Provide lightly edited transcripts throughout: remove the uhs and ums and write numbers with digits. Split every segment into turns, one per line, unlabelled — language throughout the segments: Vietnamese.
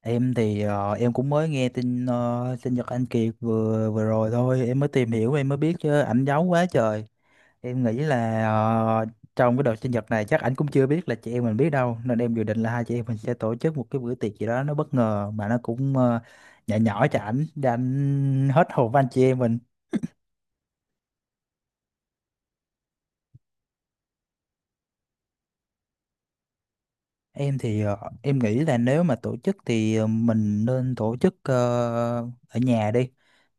Em thì em cũng mới nghe tin, sinh nhật anh Kiệt vừa vừa rồi thôi, em mới tìm hiểu em mới biết chứ ảnh giấu quá trời. Em nghĩ là trong cái đợt sinh nhật này chắc ảnh cũng chưa biết là chị em mình biết đâu, nên em dự định là hai chị em mình sẽ tổ chức một cái bữa tiệc gì đó nó bất ngờ mà nó cũng nhỏ nhỏ cho ảnh để ảnh hết hồn với anh chị em mình. Em thì em nghĩ là nếu mà tổ chức thì mình nên tổ chức ở nhà đi.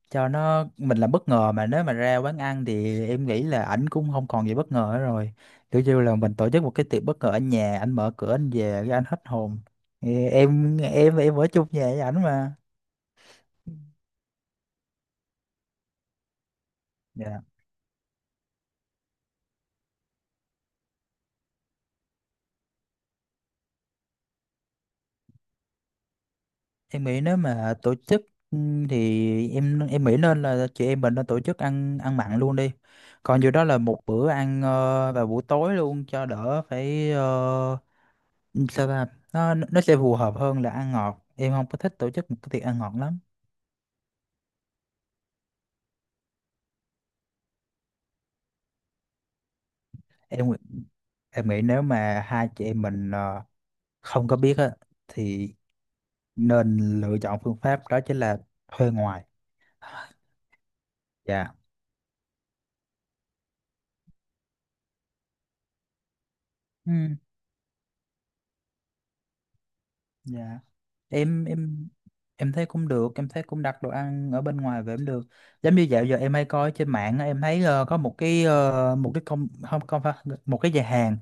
Cho nó mình là bất ngờ, mà nếu mà ra quán ăn thì em nghĩ là ảnh cũng không còn gì bất ngờ nữa rồi. Kiểu như là mình tổ chức một cái tiệc bất ngờ ở nhà, ảnh mở cửa anh về cái anh hết hồn. Thì em ở chung nhà với ảnh mà. Dạ, em nghĩ nếu mà tổ chức, ừ, thì em nghĩ nên là chị em mình nên tổ chức ăn ăn mặn luôn đi. Còn dù đó là một bữa ăn, vào buổi tối luôn cho đỡ phải, sao ta, nó sẽ phù hợp hơn là ăn ngọt. Em không có thích tổ chức một cái tiệc ăn ngọt lắm. Em Em nghĩ nếu mà hai chị em mình không có biết á thì nên lựa chọn phương pháp đó chính là thuê ngoài. Dạ. Ừ. Dạ. em em em thấy cũng được, em thấy cũng đặt đồ ăn ở bên ngoài về cũng được. Giống như dạo giờ em hay coi trên mạng á, em thấy có một cái một cái công, không, không phải, một cái nhà hàng.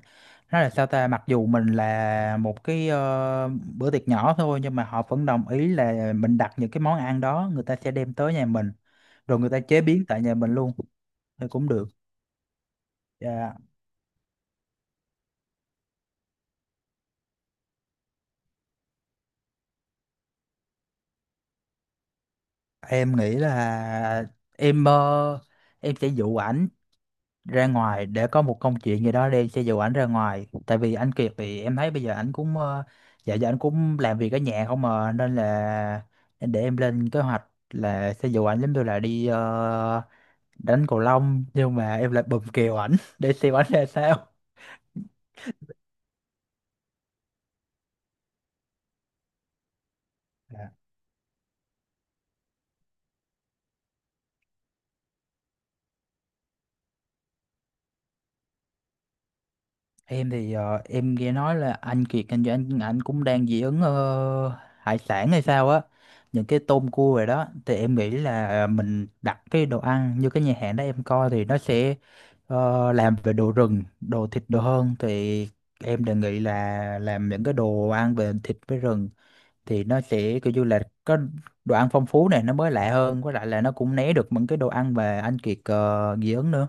Nó là sao ta, mặc dù mình là một cái bữa tiệc nhỏ thôi nhưng mà họ vẫn đồng ý là mình đặt những cái món ăn đó, người ta sẽ đem tới nhà mình, rồi người ta chế biến tại nhà mình luôn thì cũng được. Dạ, em nghĩ là em ờ, em sẽ dụ ảnh ra ngoài để có một công chuyện gì đó đi, sẽ dụ ảnh ra ngoài. Tại vì anh Kiệt thì em thấy bây giờ ảnh cũng dạ giờ anh cũng làm việc ở nhà không mà, nên là để em lên kế hoạch là sẽ dụ ảnh giống như là đi đánh cầu lông nhưng mà em lại bùm kèo ảnh để xem ảnh ra sao. Dạ. Em thì em nghe nói là anh Kiệt anh cũng đang dị ứng hải sản hay sao á, những cái tôm cua rồi đó. Thì em nghĩ là mình đặt cái đồ ăn như cái nhà hàng đó em coi thì nó sẽ, làm về đồ rừng, đồ thịt đồ hơn. Thì em đề nghị là làm những cái đồ ăn về thịt với rừng, thì nó sẽ kiểu như là có đồ ăn phong phú này, nó mới lạ hơn, với lại là nó cũng né được những cái đồ ăn mà anh Kiệt dị ứng nữa.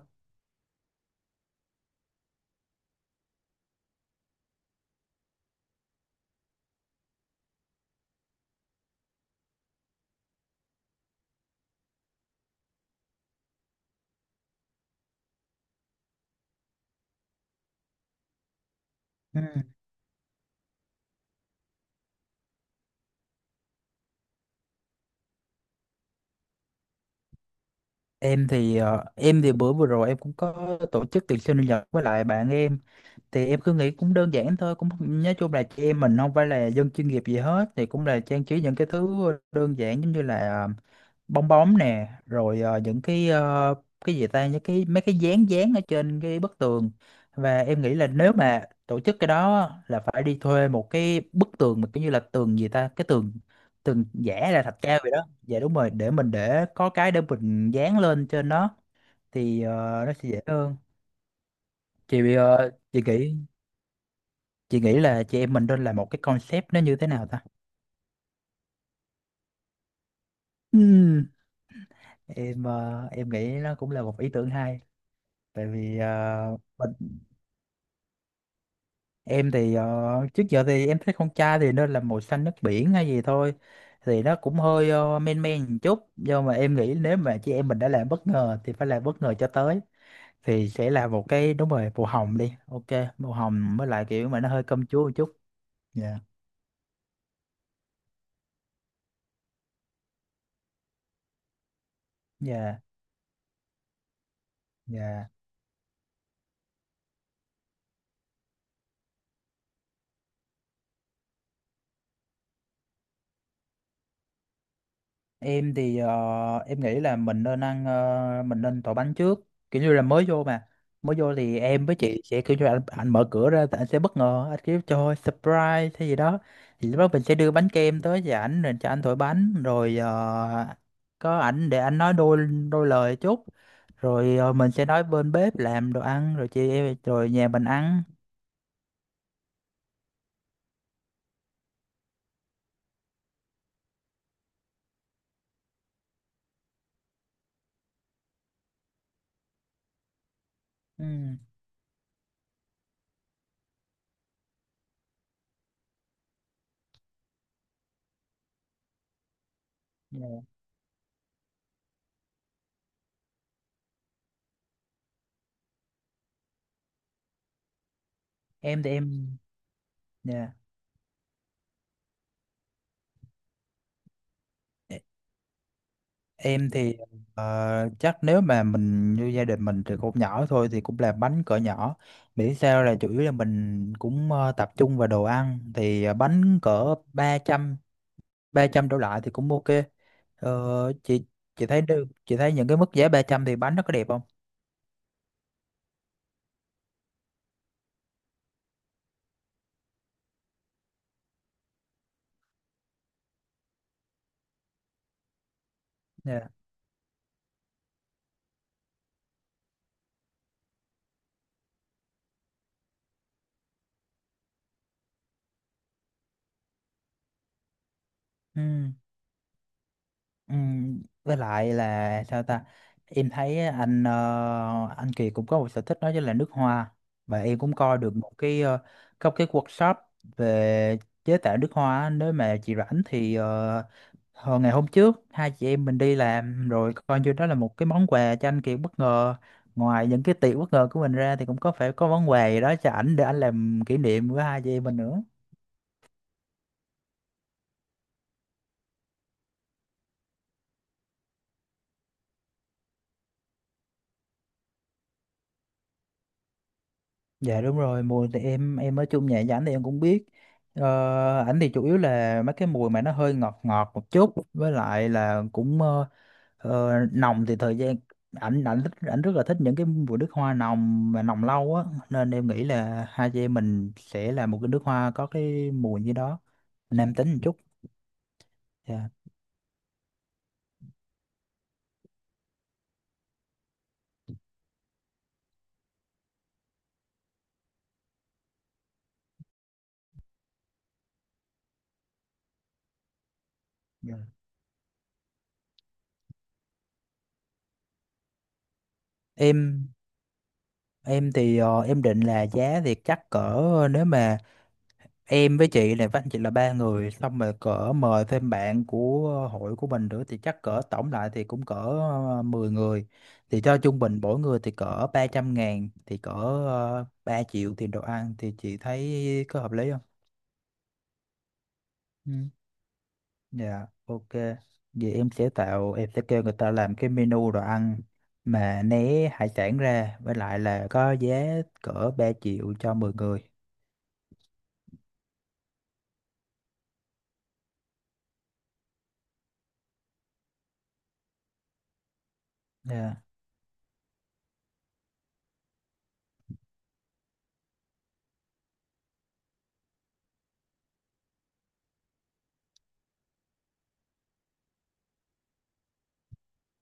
Ừ. Em thì bữa vừa rồi em cũng có tổ chức tiệc sinh nhật với lại bạn em, thì em cứ nghĩ cũng đơn giản thôi, cũng nói chung là chị em mình không phải là dân chuyên nghiệp gì hết, thì cũng là trang trí những cái thứ đơn giản giống như là bong bóng nè, rồi những cái cái gì ta, những cái mấy cái dán dán ở trên cái bức tường. Và em nghĩ là nếu mà tổ chức cái đó á, là phải đi thuê một cái bức tường mà kiểu như là tường gì ta, cái tường tường giả là thạch cao vậy đó, dạ đúng rồi, để mình để có cái để mình dán lên trên nó thì nó sẽ dễ hơn. chị bị ờ, chị nghĩ chị nghĩ là chị em mình nên làm một cái concept nó như thế nào ta. Ừm, em nghĩ nó cũng là một ý tưởng hay, tại vì mình. em thì ờ, trước giờ thì em thấy con trai thì nên là màu xanh nước biển hay gì thôi, thì nó cũng hơi men men một chút, nhưng mà em nghĩ nếu mà chị em mình đã làm bất ngờ thì phải làm bất ngờ cho tới, thì sẽ là một cái, đúng rồi, màu hồng đi, ok. Màu hồng với lại kiểu mà nó hơi cơm chúa một chút. Dạ. Dạ. Dạ, em thì em nghĩ là mình nên mình nên tỏi bánh trước. Kiểu như là mới vô mà, mới vô thì em với chị sẽ kiểu như là anh mở cửa ra thì anh sẽ bất ngờ, anh kiểu cho surprise hay gì đó. Thì lúc đó mình sẽ đưa bánh kem tới cho ảnh rồi cho anh thổi bánh, rồi có ảnh để anh nói đôi đôi lời chút, rồi mình sẽ nói bên bếp làm đồ ăn rồi chị em rồi nhà mình ăn. Ừ. Dạ. Em thì em. Dạ. Em thì chắc nếu mà mình như gia đình mình từ cũng nhỏ thôi thì cũng làm bánh cỡ nhỏ. Miễn sao là chủ yếu là mình cũng tập trung vào đồ ăn, thì bánh cỡ ba trăm đổ lại thì cũng ok. Ờ, chị chị thấy được, chị thấy những cái mức giá 300 thì bánh nó có đẹp không? Dạ. Ừ. Với lại là sao ta, em thấy anh Kiệt cũng có một sở thích đó chính là nước hoa. Và em cũng coi được một cái có cái workshop về chế tạo nước hoa á. Nếu mà chị rảnh thì hồi ngày hôm trước hai chị em mình đi làm rồi coi như đó là một cái món quà cho anh Kiệt bất ngờ. Ngoài những cái tiệc bất ngờ của mình ra thì cũng có phải có món quà gì đó cho ảnh để ảnh làm kỷ niệm với hai chị em mình nữa. Dạ đúng rồi, mùi thì em ở chung nhà với ảnh thì em cũng biết. Ờ, ảnh thì chủ yếu là mấy cái mùi mà nó hơi ngọt ngọt một chút, với lại là cũng nồng. Thì thời gian ảnh ảnh thích ảnh rất là thích những cái mùi nước hoa nồng mà nồng lâu á, nên em nghĩ là hai chị em mình sẽ làm một cái nước hoa có cái mùi như đó, nam tính một chút. Dạ. Dạ. Em em thì em định là giá thì chắc cỡ, nếu mà em với chị này với anh chị là ba người xong rồi cỡ mời thêm bạn của hội của mình nữa thì chắc cỡ tổng lại thì cũng cỡ 10 người. Thì cho trung bình mỗi người thì cỡ 300.000 thì cỡ 3 triệu tiền đồ ăn, thì chị thấy có hợp lý không? Ừ. Dạ, ok, vậy em sẽ tạo em sẽ kêu người ta làm cái menu đồ ăn mà né hải sản ra, với lại là có giá cỡ 3 triệu cho 10 người. Dạ.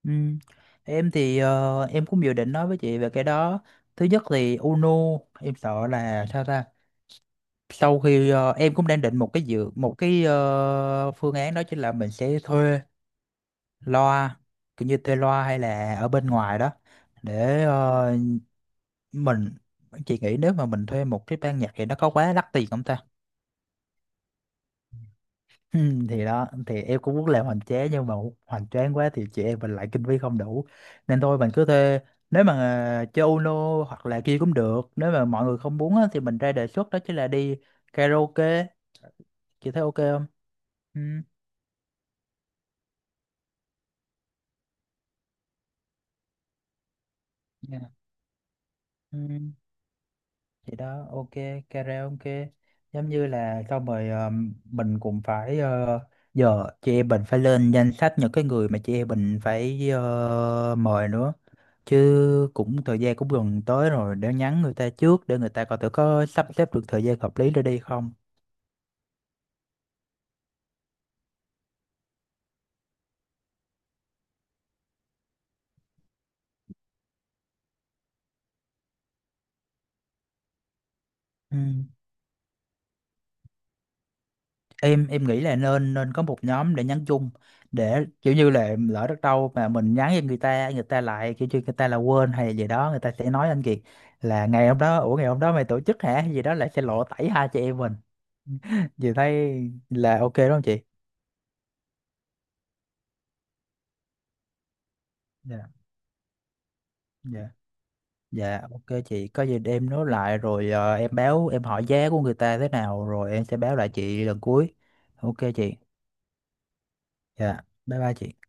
Ừ. Em thì em cũng dự định nói với chị về cái đó. Thứ nhất thì UNO, em sợ là sao ta? Sau khi em cũng đang định một cái dự một cái ờ, phương án đó chính là mình sẽ thuê loa, kiểu như thuê loa hay là ở bên ngoài đó, để mình. Chị nghĩ nếu mà mình thuê một cái ban nhạc thì nó có quá đắt tiền không ta? Ừ, thì đó thì em cũng muốn làm hoành tráng, nhưng mà hoành tráng quá thì chị em mình lại kinh phí không đủ, nên thôi mình cứ thuê, nếu mà chơi Uno hoặc là kia cũng được. Nếu mà mọi người không muốn á, thì mình ra đề xuất đó chính là đi karaoke. Chị thấy ok không? Ừ. Dạ. Ừ. Thì đó, ok, karaoke. Giống như là xong rồi mình cũng phải giờ chị em mình phải lên danh sách những cái người mà chị em mình phải mời nữa. Chứ cũng thời gian cũng gần tới rồi, để nhắn người ta trước để người ta coi thử có sắp xếp được thời gian hợp lý để đi không. Ừ. Em nghĩ là nên nên có một nhóm để nhắn chung, để kiểu như là lỡ đất đâu mà mình nhắn cho người ta, người ta lại kiểu như người ta là quên hay gì đó, người ta sẽ nói anh Kiệt là, ngày hôm đó, ủa, ngày hôm đó mày tổ chức hả, hay gì đó, lại sẽ lộ tẩy hai chị em mình. Chị thấy là ok đúng không chị? Dạ. Dạ. Dạ, ok chị, có gì để em nối lại rồi em báo em hỏi giá của người ta thế nào rồi em sẽ báo lại chị lần cuối. Ok chị. Dạ, bye bye chị.